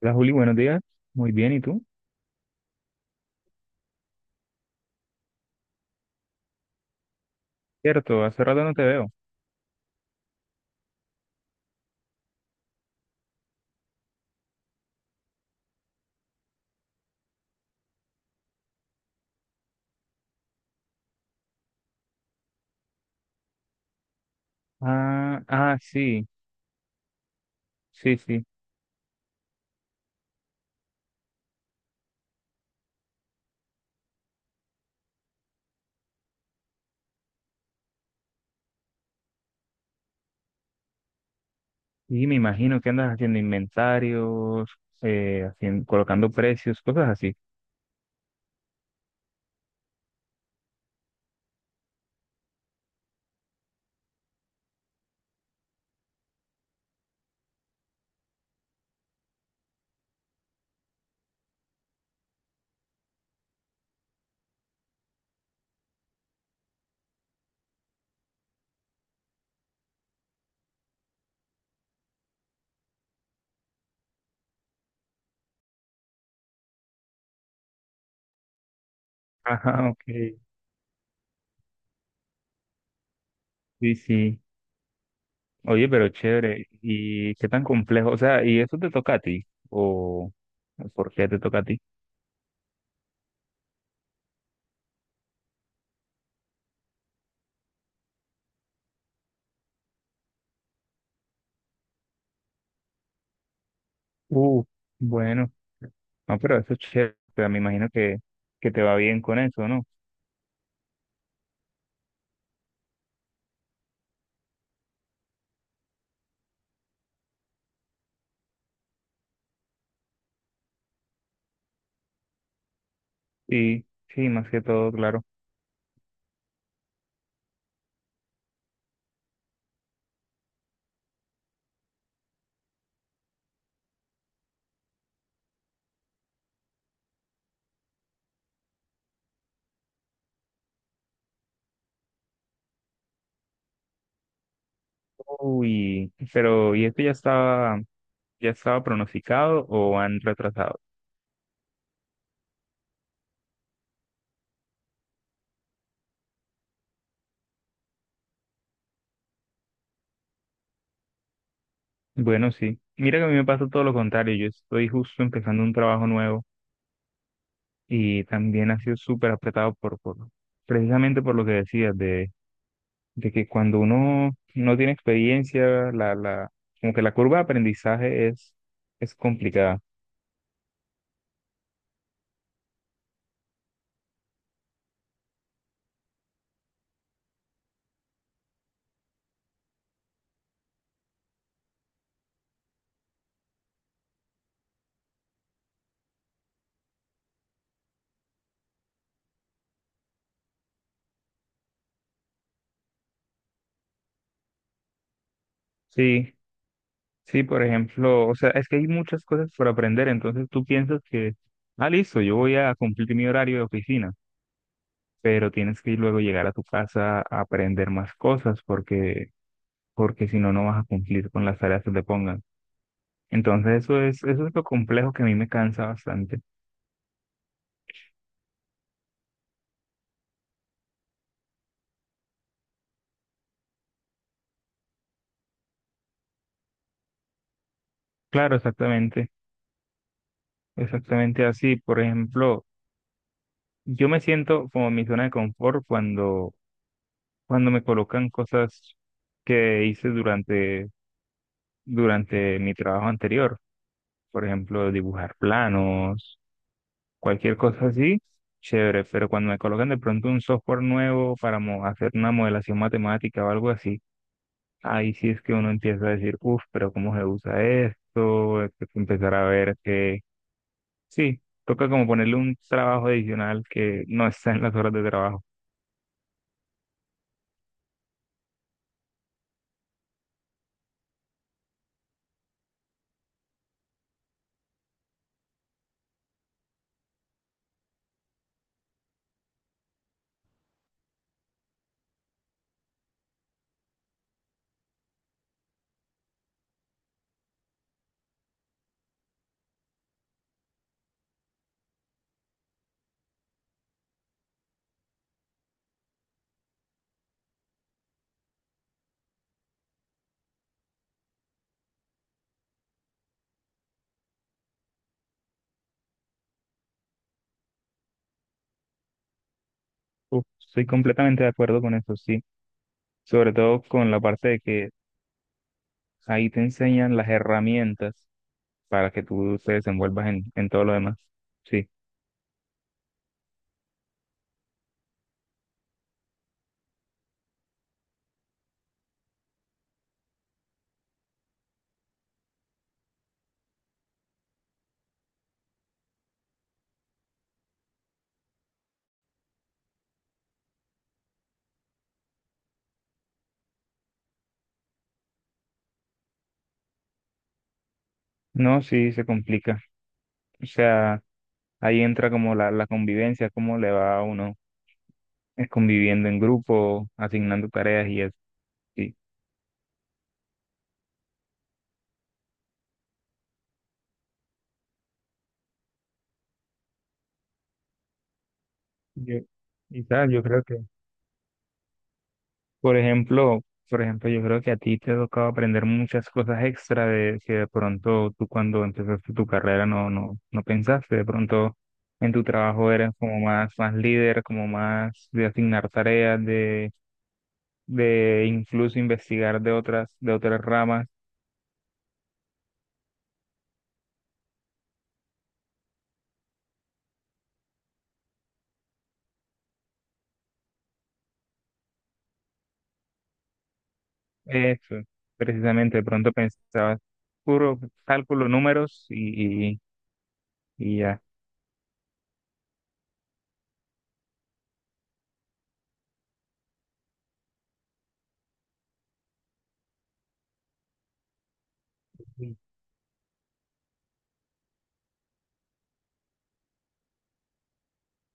Hola Juli, buenos días. Muy bien, ¿y tú? Cierto, hace rato no te veo. Ah, ah, sí, sí, sí. Y me imagino que andas haciendo inventarios, haciendo, colocando precios, cosas así. Ajá, ok. Sí, sí. Oye, pero chévere. ¿Y qué tan complejo? O sea, ¿y eso te toca a ti? ¿O por qué te toca a ti? Uh, bueno. No, pero eso es chévere. O sea, me imagino que te va bien con eso, ¿no? Sí, sí, más que todo, claro. Uy, pero ¿y esto ya estaba pronosticado o han retrasado? Bueno, sí. Mira que a mí me pasa todo lo contrario. Yo estoy justo empezando un trabajo nuevo y también ha sido súper apretado por precisamente por lo que decías, de que cuando uno no tiene experiencia, la como que la curva de aprendizaje es complicada. Sí, sí, por ejemplo, o sea, es que hay muchas cosas por aprender, entonces tú piensas que, ah, listo, yo voy a cumplir mi horario de oficina pero tienes que luego llegar a tu casa a aprender más cosas porque, porque si no, no vas a cumplir con las tareas que te pongan. Entonces, eso es lo complejo que a mí me cansa bastante. Claro, exactamente, exactamente así. Por ejemplo, yo me siento como en mi zona de confort cuando, cuando me colocan cosas que hice durante, durante mi trabajo anterior. Por ejemplo, dibujar planos, cualquier cosa así, chévere, pero cuando me colocan de pronto un software nuevo para hacer una modelación matemática o algo así, ahí sí es que uno empieza a decir, uff, pero ¿cómo se usa esto? Hay que empezar a ver que sí, toca como ponerle un trabajo adicional que no está en las horas de trabajo. Uf, estoy completamente de acuerdo con eso, sí, sobre todo con la parte de que ahí te enseñan las herramientas para que tú te desenvuelvas en todo lo demás. Sí, no, sí, se complica. O sea, ahí entra como la convivencia, cómo le va a uno conviviendo en grupo, asignando tareas y eso. Sí. Yo- y tal, yo creo que, por ejemplo, por ejemplo, yo creo que a ti te ha tocado aprender muchas cosas extra de que de pronto tú cuando empezaste tu carrera no pensaste, de pronto en tu trabajo eres como más, más líder, como más de asignar tareas, de incluso investigar de otras ramas. Eso, precisamente, de pronto pensaba, puro cálculo, números y ya.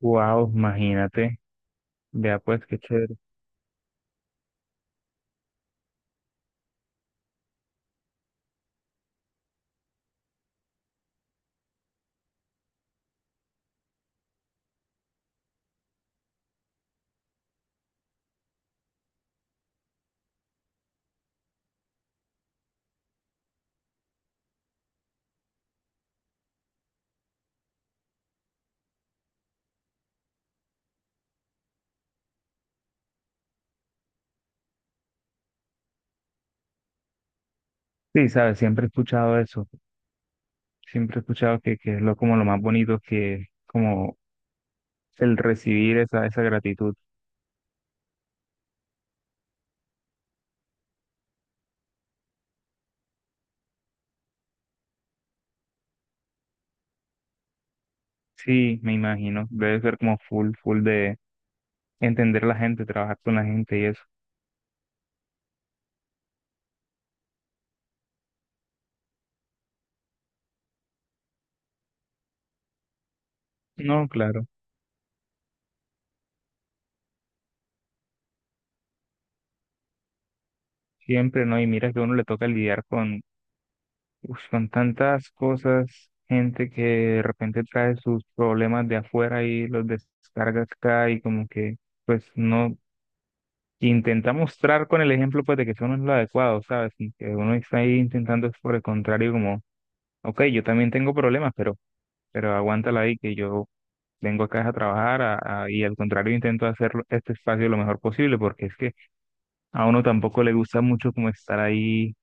Wow, imagínate, vea pues qué chévere. Sí, sabes, siempre he escuchado eso, siempre he escuchado que es lo, como lo más bonito que como el recibir esa, esa gratitud. Sí, me imagino, debe ser como full, full de entender la gente, trabajar con la gente y eso. No, claro, siempre, ¿no? Y mira que a uno le toca lidiar con, uf, con tantas cosas, gente que de repente trae sus problemas de afuera y los descarga acá y como que, pues no, intenta mostrar con el ejemplo pues de que eso no es lo adecuado, ¿sabes? Y que uno está ahí intentando es por el contrario como, ok, yo también tengo problemas, pero aguántala ahí que yo vengo acá es a trabajar y al contrario intento hacer este espacio lo mejor posible porque es que a uno tampoco le gusta mucho como estar ahí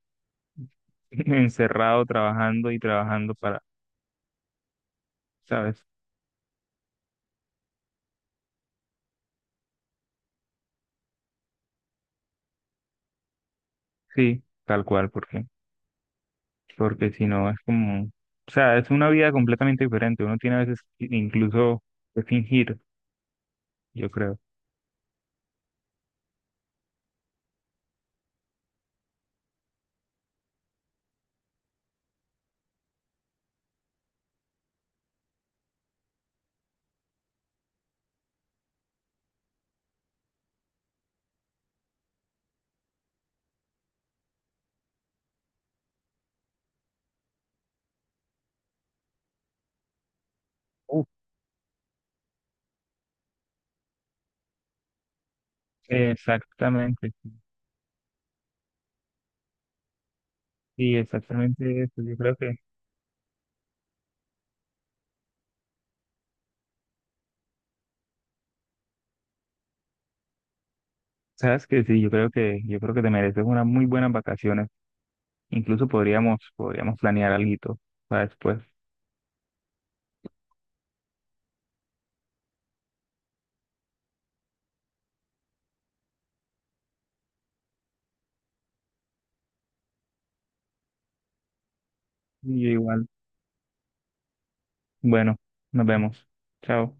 encerrado trabajando y trabajando para, ¿sabes? Sí, tal cual, porque, porque si no es como, o sea, es una vida completamente diferente. Uno tiene a veces incluso que fingir, yo creo. Uf, exactamente, sí, exactamente eso. Yo creo que, sabes que sí, yo creo que te mereces unas muy buenas vacaciones. Incluso podríamos, podríamos planear algo para después. Y yo igual, bueno, nos vemos. Chao.